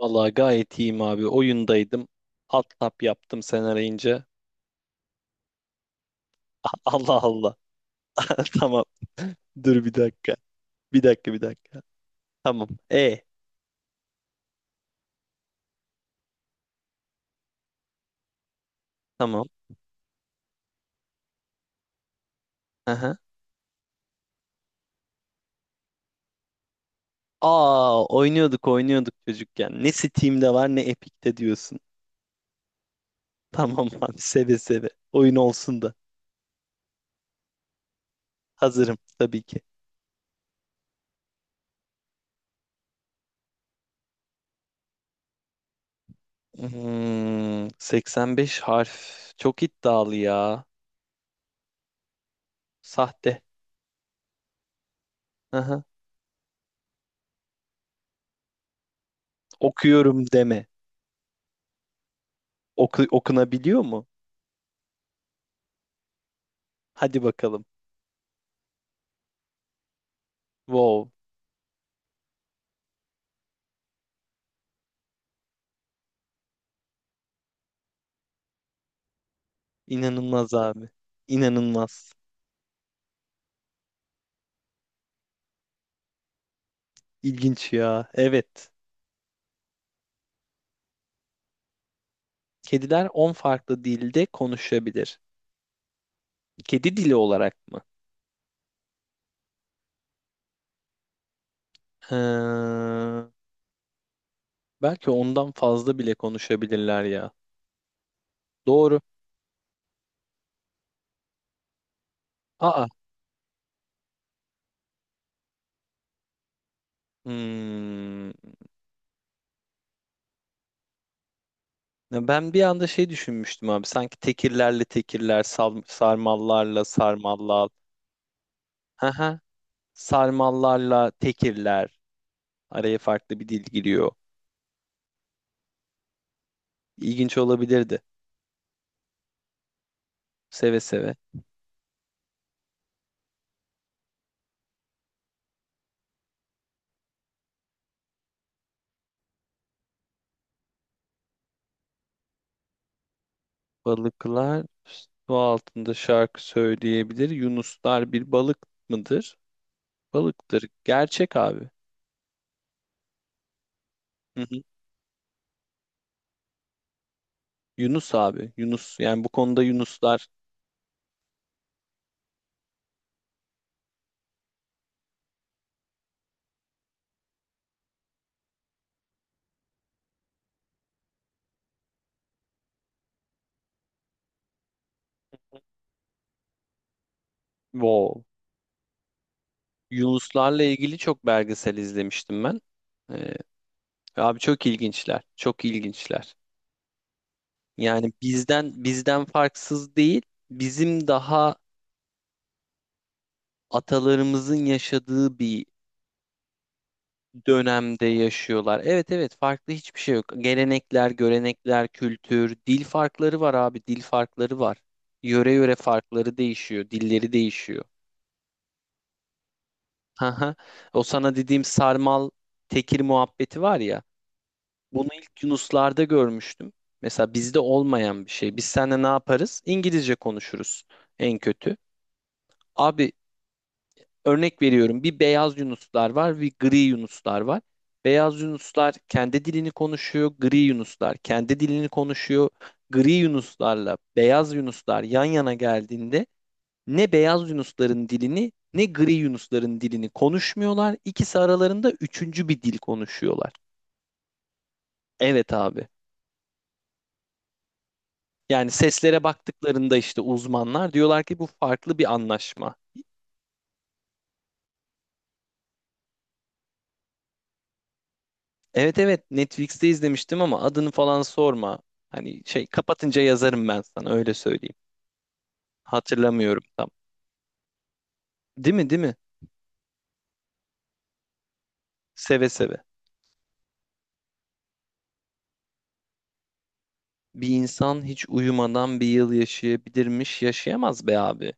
Vallahi gayet iyiyim abi. Oyundaydım. Alt tab yaptım sen arayınca. Allah Allah. Tamam. Dur bir dakika. Bir dakika bir dakika. Tamam. Tamam. Aha. Aa, oynuyorduk oynuyorduk çocukken. Ne Steam'de var ne Epic'te diyorsun. Tamam abi, seve seve. Oyun olsun da. Hazırım tabii ki. 85 harf. Çok iddialı ya. Sahte. Aha. Okuyorum deme. Okunabiliyor mu? Hadi bakalım. Wow. İnanılmaz abi. İnanılmaz. İlginç ya. Evet. Kediler 10 farklı dilde konuşabilir. Kedi dili olarak mı? Ha, belki ondan fazla bile konuşabilirler ya. Doğru. Aa. Hmm. Ya ben bir anda şey düşünmüştüm abi. Sanki tekirlerle tekirler, sarmallarla sarmallar. Haha. Sarmallarla tekirler. Araya farklı bir dil giriyor. İlginç olabilirdi. Seve seve. Balıklar su altında şarkı söyleyebilir. Yunuslar bir balık mıdır? Balıktır. Gerçek abi. Hı hı. Yunus abi. Yunus. Yani bu konuda Yunuslar. Wow. Yunuslarla ilgili çok belgesel izlemiştim ben. Ee, abi çok ilginçler. Çok ilginçler. Yani bizden farksız değil. Bizim daha atalarımızın yaşadığı bir dönemde yaşıyorlar. Evet, evet, farklı hiçbir şey yok. Gelenekler, görenekler, kültür, dil farkları var abi, dil farkları var. Yöre yöre farkları değişiyor, dilleri değişiyor. Haha. O sana dediğim sarmal tekir muhabbeti var ya. Bunu ilk Yunuslarda görmüştüm. Mesela bizde olmayan bir şey. Biz seninle ne yaparız? İngilizce konuşuruz en kötü. Abi, örnek veriyorum, bir beyaz yunuslar var bir gri yunuslar var. Beyaz yunuslar kendi dilini konuşuyor, gri yunuslar kendi dilini konuşuyor. Gri yunuslarla beyaz yunuslar yan yana geldiğinde ne beyaz yunusların dilini ne gri yunusların dilini konuşmuyorlar. İkisi aralarında üçüncü bir dil konuşuyorlar. Evet abi. Yani seslere baktıklarında işte uzmanlar diyorlar ki bu farklı bir anlaşma. Evet, evet, Netflix'te izlemiştim ama adını falan sorma. Hani şey, kapatınca yazarım ben sana, öyle söyleyeyim. Hatırlamıyorum tam. Değil mi, değil mi? Seve seve. Bir insan hiç uyumadan bir yıl yaşayabilirmiş, yaşayamaz be abi.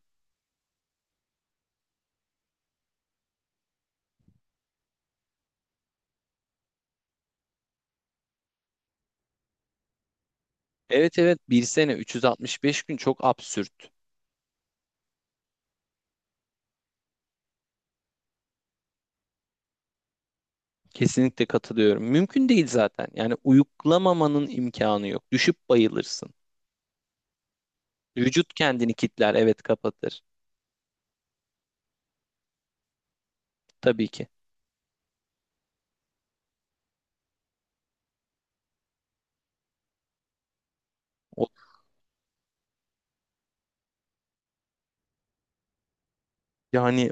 Evet, evet, bir sene 365 gün çok absürt. Kesinlikle katılıyorum. Mümkün değil zaten. Yani uyuklamamanın imkanı yok. Düşüp bayılırsın. Vücut kendini kitler, evet, kapatır. Tabii ki. O, yani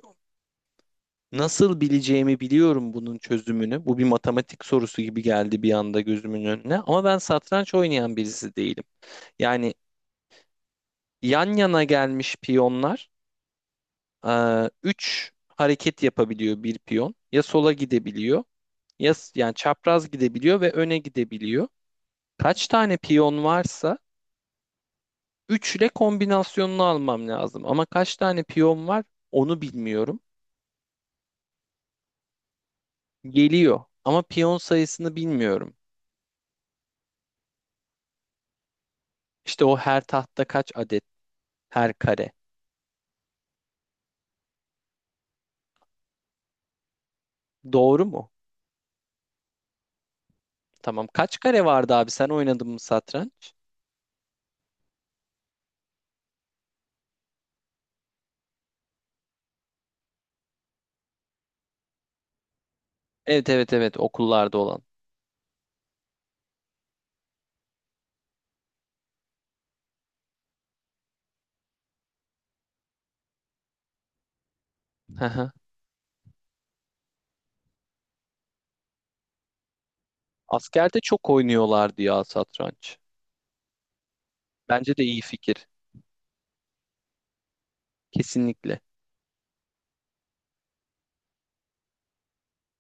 nasıl bileceğimi biliyorum bunun çözümünü. Bu bir matematik sorusu gibi geldi bir anda gözümün önüne. Ama ben satranç oynayan birisi değilim. Yani yan yana gelmiş piyonlar 3 hareket yapabiliyor bir piyon. Ya sola gidebiliyor, yani çapraz gidebiliyor ve öne gidebiliyor. Kaç tane piyon varsa 3 ile kombinasyonunu almam lazım. Ama kaç tane piyon var onu bilmiyorum. Geliyor ama piyon sayısını bilmiyorum. İşte o her tahtta kaç adet. Her kare. Doğru mu? Tamam. Kaç kare vardı abi? Sen oynadın mı satranç? Evet, evet, evet, okullarda olan. Hı hı. Askerde çok oynuyorlardı ya satranç. Bence de iyi fikir. Kesinlikle.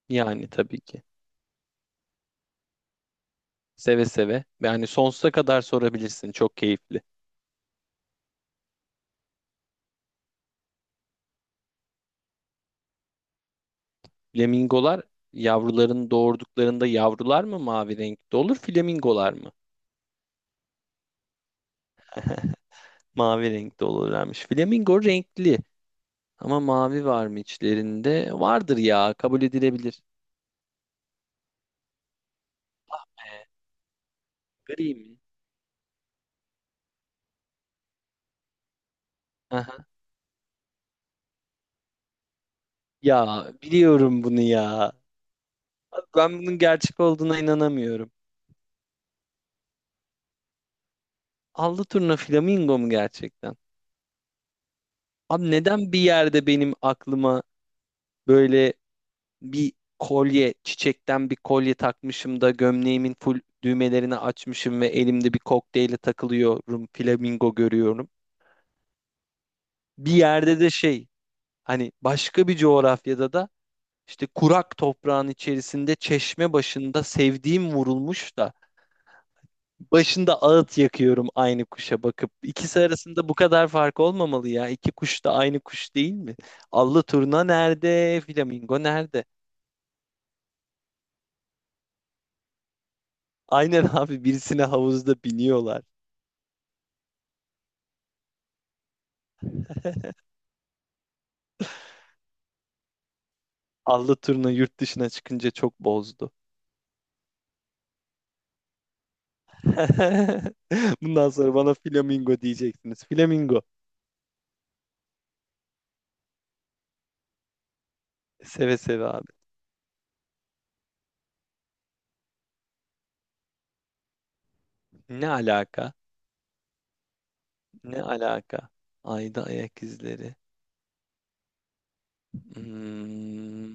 Yani tabii ki. Seve seve. Yani sonsuza kadar sorabilirsin. Çok keyifli. Flamingolar yavrularını doğurduklarında yavrular mı mavi renkte olur, flamingolar mı? Mavi renkte olurlarmış. Flamingo renkli ama mavi var mı içlerinde? Vardır ya, kabul edilebilir. Gri mi? Aha. Ya biliyorum bunu ya. Abi, ben bunun gerçek olduğuna inanamıyorum. Allı turna flamingo mu gerçekten? Abi, neden bir yerde benim aklıma böyle bir kolye, çiçekten bir kolye takmışım da gömleğimin full düğmelerini açmışım ve elimde bir kokteyle takılıyorum, flamingo görüyorum. Bir yerde de şey, hani başka bir coğrafyada da işte kurak toprağın içerisinde çeşme başında sevdiğim vurulmuş da başında ağıt yakıyorum aynı kuşa bakıp. İkisi arasında bu kadar fark olmamalı ya. İki kuş da aynı kuş değil mi? Allı turna nerede? Flamingo nerede? Aynen abi, birisine havuzda biniyorlar. Allı turna yurt dışına çıkınca çok bozdu. Bundan sonra bana flamingo diyeceksiniz. Flamingo. Seve seve abi. Ne alaka? Ne alaka? Ayda ayak izleri. Hmm,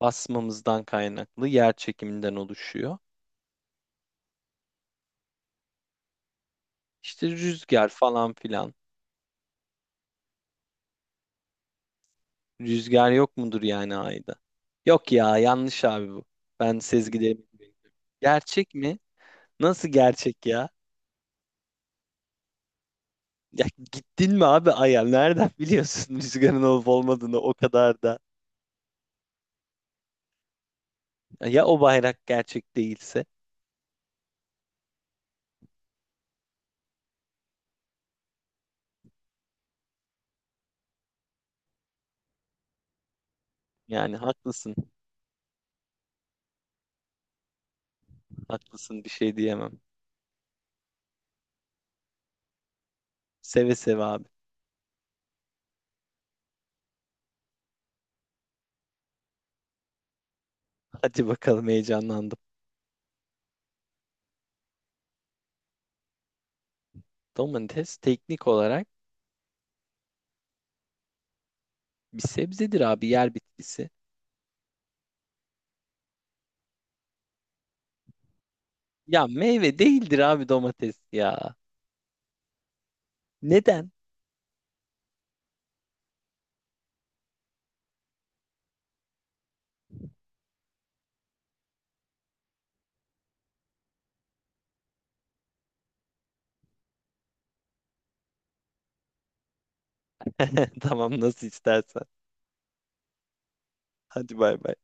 basmamızdan kaynaklı yer çekiminden oluşuyor. İşte rüzgar falan filan. Rüzgar yok mudur yani ayda? Yok ya, yanlış abi bu. Ben sezgilerimi güveniyorum. Gerçek mi? Nasıl gerçek ya? Ya, gittin mi abi Ay'a? Nereden biliyorsun rüzgarın olup olmadığını o kadar da? Ya o bayrak gerçek değilse? Yani haklısın. Haklısın, bir şey diyemem. Seve seve abi. Hadi bakalım, heyecanlandım. Domates teknik olarak bir sebzedir abi, yer bitkisi. Ya meyve değildir abi, domates ya. Neden? Tamam, nasıl istersen. Hadi bay bay.